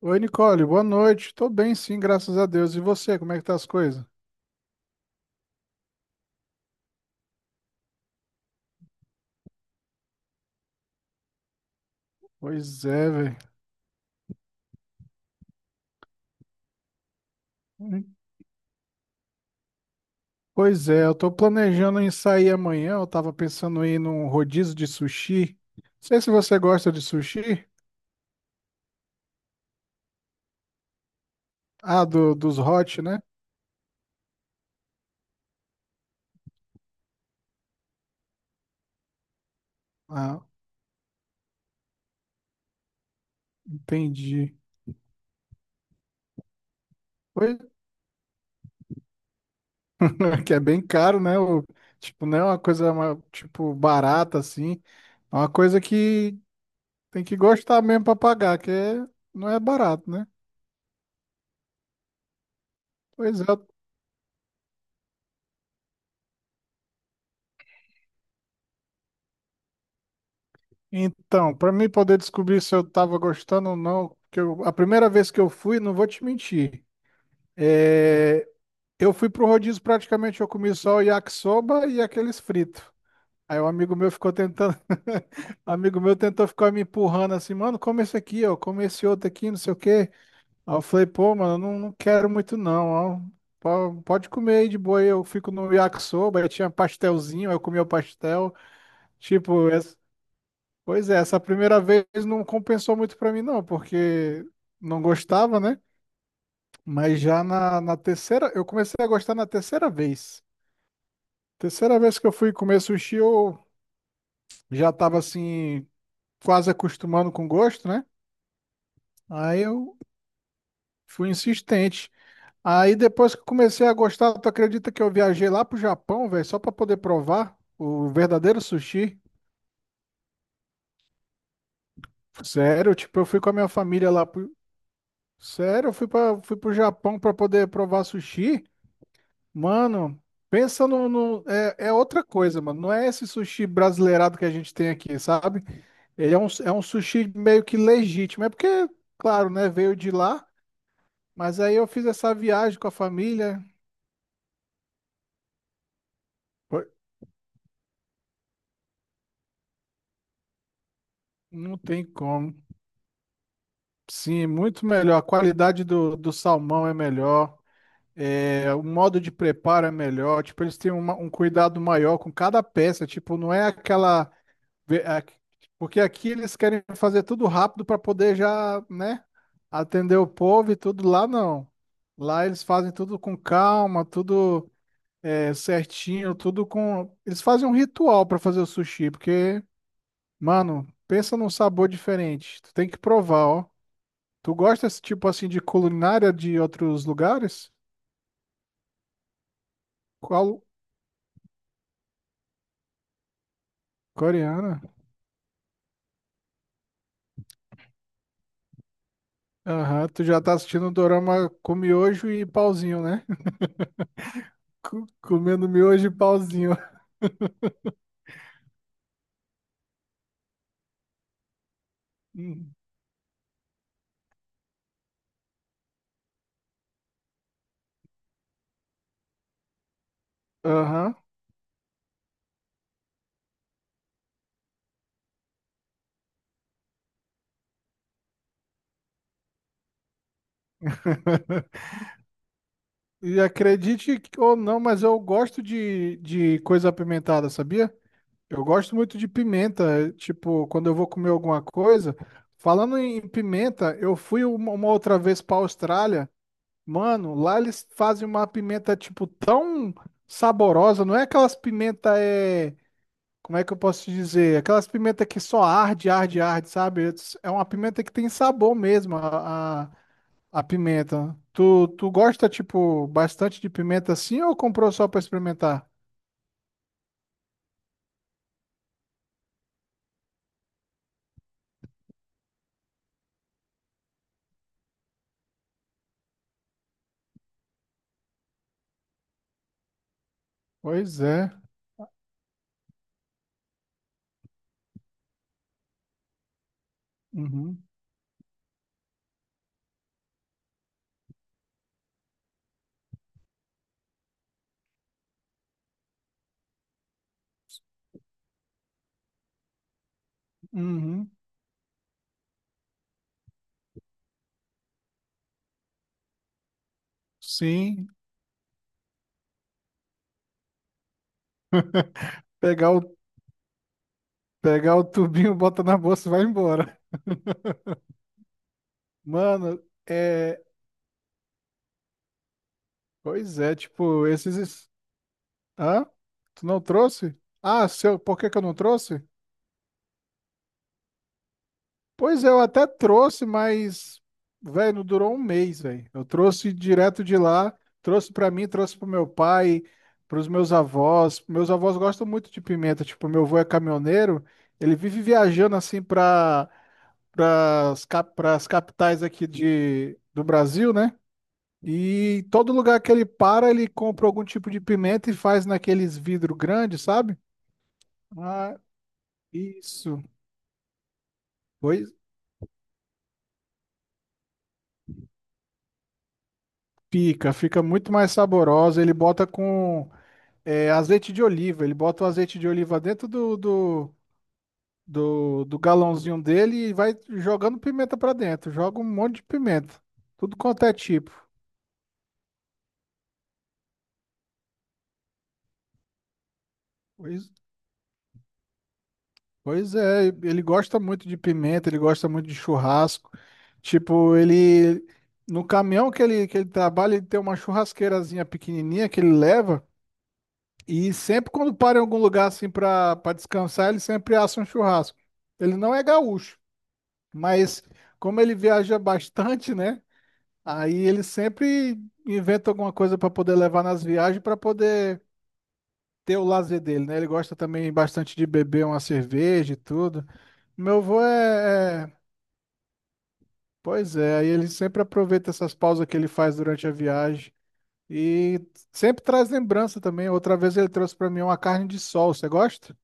Oi, Nicole, boa noite. Tô bem, sim, graças a Deus. E você, como é que tá as coisas? Pois é, velho. Pois é, eu tô planejando em sair amanhã. Eu tava pensando em ir num rodízio de sushi. Não sei se você gosta de sushi. Ah, dos hot, né? Ah, entendi. Pois, que é bem caro, né? Tipo, não é uma coisa, tipo, barata, assim. É uma coisa que tem que gostar mesmo pra pagar, não é barato, né? Pois é, então, para mim poder descobrir se eu tava gostando ou não, a primeira vez que eu fui, não vou te mentir, é, eu fui pro rodízio praticamente, eu comi só o yakisoba e aqueles fritos. Aí um amigo meu ficou tentando, um amigo meu tentou ficar me empurrando assim, mano, come esse aqui, ó, come esse outro aqui, não sei o quê. Aí eu falei, pô, mano, não, não quero muito não, ó. Pode comer aí de boa, aí eu fico no yakisoba, aí tinha pastelzinho, aí eu comi o pastel. Tipo, pois é, essa primeira vez não compensou muito pra mim, não, porque não gostava, né? Mas já na terceira, eu comecei a gostar na terceira vez. Terceira vez que eu fui comer sushi, eu já tava assim, quase acostumando com o gosto, né? Aí eu fui insistente. Aí depois que eu comecei a gostar, tu acredita que eu viajei lá pro Japão, velho, só pra poder provar o verdadeiro sushi? Sério, tipo, eu fui com a minha família lá pro... Sério, eu fui pro Japão pra poder provar sushi. Mano, pensa é outra coisa, mano. Não é esse sushi brasileirado que a gente tem aqui, sabe? Ele é um sushi meio que legítimo. É porque, claro, né? Veio de lá, mas aí eu fiz essa viagem com a família. Pô, não tem como. Sim, muito melhor. A qualidade do salmão é melhor. É, o modo de preparo é melhor. Tipo, eles têm um cuidado maior com cada peça. Tipo, não é aquela. Vê, porque aqui eles querem fazer tudo rápido para poder já, né, atender o povo e tudo. Lá não. Lá eles fazem tudo com calma, tudo certinho, tudo com. Eles fazem um ritual para fazer o sushi, porque, mano, pensa num sabor diferente. Tu tem que provar, ó. Tu gosta desse tipo assim de culinária de outros lugares? Qual? Coreana? Aham, tu já tá assistindo o dorama com miojo e pauzinho, né? Comendo miojo e pauzinho. Aham. E acredite ou não, mas eu gosto de coisa apimentada, sabia? Eu gosto muito de pimenta. Tipo, quando eu vou comer alguma coisa. Falando em pimenta, eu fui uma outra vez pra Austrália. Mano, lá eles fazem uma pimenta, tipo, tão saborosa. Não é aquelas pimenta. Como é que eu posso te dizer? Aquelas pimenta que só arde, arde, arde, sabe? É uma pimenta que tem sabor mesmo. A pimenta. Tu gosta, tipo, bastante de pimenta assim ou comprou só pra experimentar? Pois é. Uhum. Uhum. Sim. Pegar o, pegar o tubinho, bota na bolsa e vai embora. Mano, é. Pois é, tipo, esses. Hã? Tu não trouxe? Ah, seu, por que que eu não trouxe? Pois é, eu até trouxe, mas, velho, não durou um mês, velho. Eu trouxe direto de lá, trouxe pra mim, trouxe pro meu pai, pros meus avós. Meus avós gostam muito de pimenta, tipo, meu avô é caminhoneiro, ele vive viajando assim pras capitais aqui do Brasil, né? E todo lugar que ele para, ele compra algum tipo de pimenta e faz naqueles vidro grandes, sabe? Ah, isso. Pois fica muito mais saborosa. Ele bota com É azeite de oliva. Ele bota o azeite de oliva dentro do galãozinho dele e vai jogando pimenta pra dentro. Joga um monte de pimenta. Tudo quanto é tipo. Pois, pois é, ele gosta muito de pimenta, ele gosta muito de churrasco. Tipo, ele. No caminhão que ele trabalha, ele tem uma churrasqueirazinha pequenininha que ele leva. E sempre quando para em algum lugar assim pra descansar, ele sempre assa um churrasco. Ele não é gaúcho, mas como ele viaja bastante, né? Aí ele sempre inventa alguma coisa para poder levar nas viagens para poder ter o lazer dele, né? Ele gosta também bastante de beber uma cerveja e tudo. Meu avô é, é- Pois é, aí ele sempre aproveita essas pausas que ele faz durante a viagem e sempre traz lembrança também. Outra vez ele trouxe para mim uma carne de sol. Você gosta?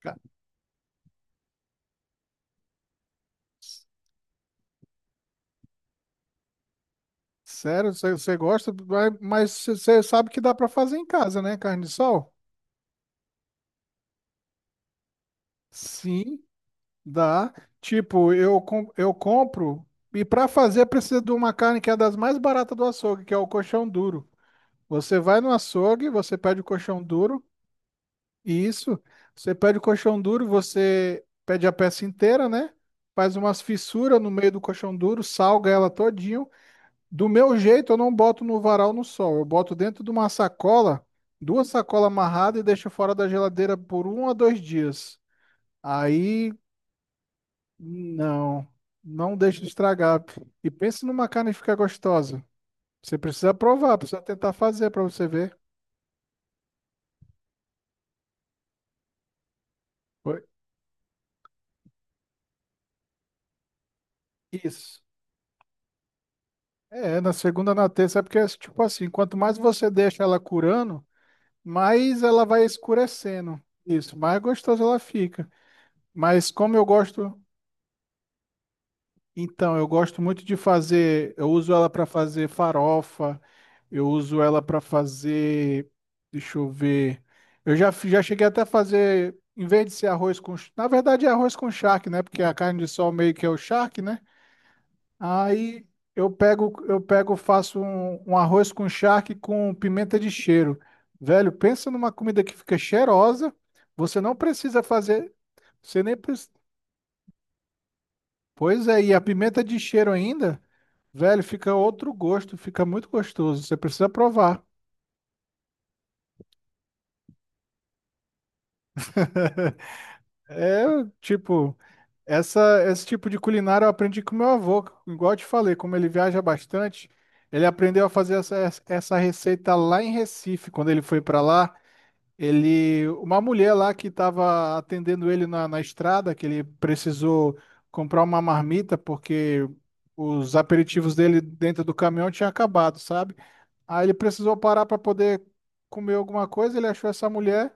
Ca- Sério, você gosta? Mas você sabe que dá para fazer em casa, né? Carne de sol? Sim. Dá. Tipo, eu compro e para fazer precisa de uma carne que é das mais baratas do açougue, que é o coxão duro. Você vai no açougue, você pede o coxão duro, e isso, você pede o coxão duro, você pede a peça inteira, né? Faz umas fissuras no meio do coxão duro, salga ela todinho. Do meu jeito, eu não boto no varal no sol, eu boto dentro de uma sacola, duas sacolas amarradas e deixo fora da geladeira por um a dois dias. Aí Não, não deixe de estragar. E pense numa carne que fica gostosa. Você precisa provar, precisa tentar fazer para você ver. Oi? Isso. É, na segunda, na terça, é porque, tipo assim, quanto mais você deixa ela curando, mais ela vai escurecendo. Isso, mais gostosa ela fica. Mas como eu gosto. Então, eu gosto muito de fazer, eu uso ela para fazer farofa, eu uso ela para fazer, deixa eu ver. Eu já já cheguei até a fazer, em vez de ser arroz com, na verdade é arroz com charque, né? Porque a carne de sol meio que é o charque, né? Aí eu pego, faço um arroz com charque com pimenta de cheiro. Velho, pensa numa comida que fica cheirosa. Você não precisa fazer, você nem pre- Pois é, e a pimenta de cheiro ainda, velho, fica outro gosto, fica muito gostoso. Você precisa provar. É, tipo, esse tipo de culinária eu aprendi com meu avô, igual eu te falei, como ele viaja bastante, ele aprendeu a fazer essa receita lá em Recife, quando ele foi para lá, uma mulher lá que estava atendendo ele na estrada, que ele precisou comprar uma marmita porque os aperitivos dele dentro do caminhão tinham acabado, sabe? Aí ele precisou parar para poder comer alguma coisa, ele achou essa mulher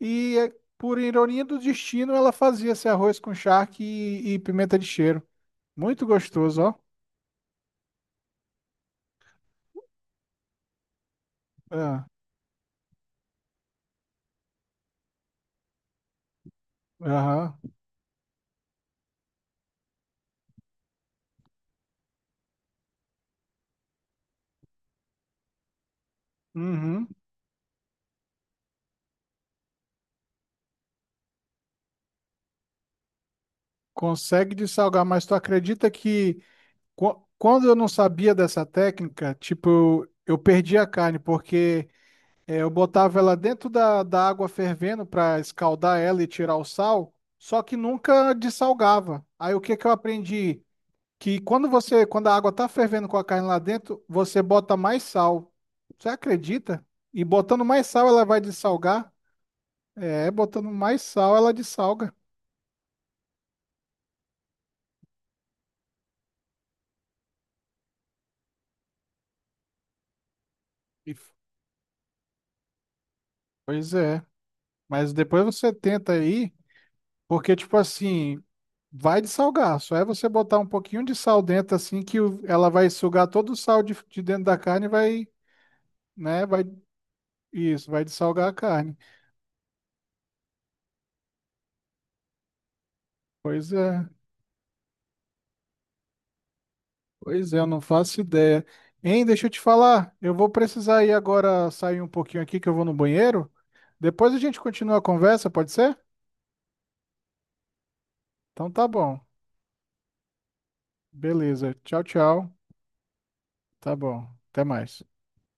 e, por ironia do destino, ela fazia esse arroz com charque e pimenta de cheiro. Muito gostoso, ó. Ah, aham. Uhum. Consegue dessalgar, mas tu acredita que quando eu não sabia dessa técnica, tipo, eu perdi a carne, porque eu botava ela dentro da água fervendo para escaldar ela e tirar o sal, só que nunca dessalgava. Aí o que que eu aprendi? Que quando quando a água tá fervendo com a carne lá dentro, você bota mais sal. Você acredita? E botando mais sal, ela vai dessalgar? É, botando mais sal, ela dessalga. E- Pois é. Mas depois você tenta aí, porque, tipo assim, vai dessalgar. Só é você botar um pouquinho de sal dentro, assim, ela vai sugar todo o sal de dentro da carne e vai, né, vai dessalgar a carne. Pois é. Pois é, eu não faço ideia. Hein, deixa eu te falar, eu vou precisar ir agora sair um pouquinho aqui que eu vou no banheiro. Depois a gente continua a conversa, pode ser? Então tá bom. Beleza. Tchau, tchau. Tá bom. Até mais.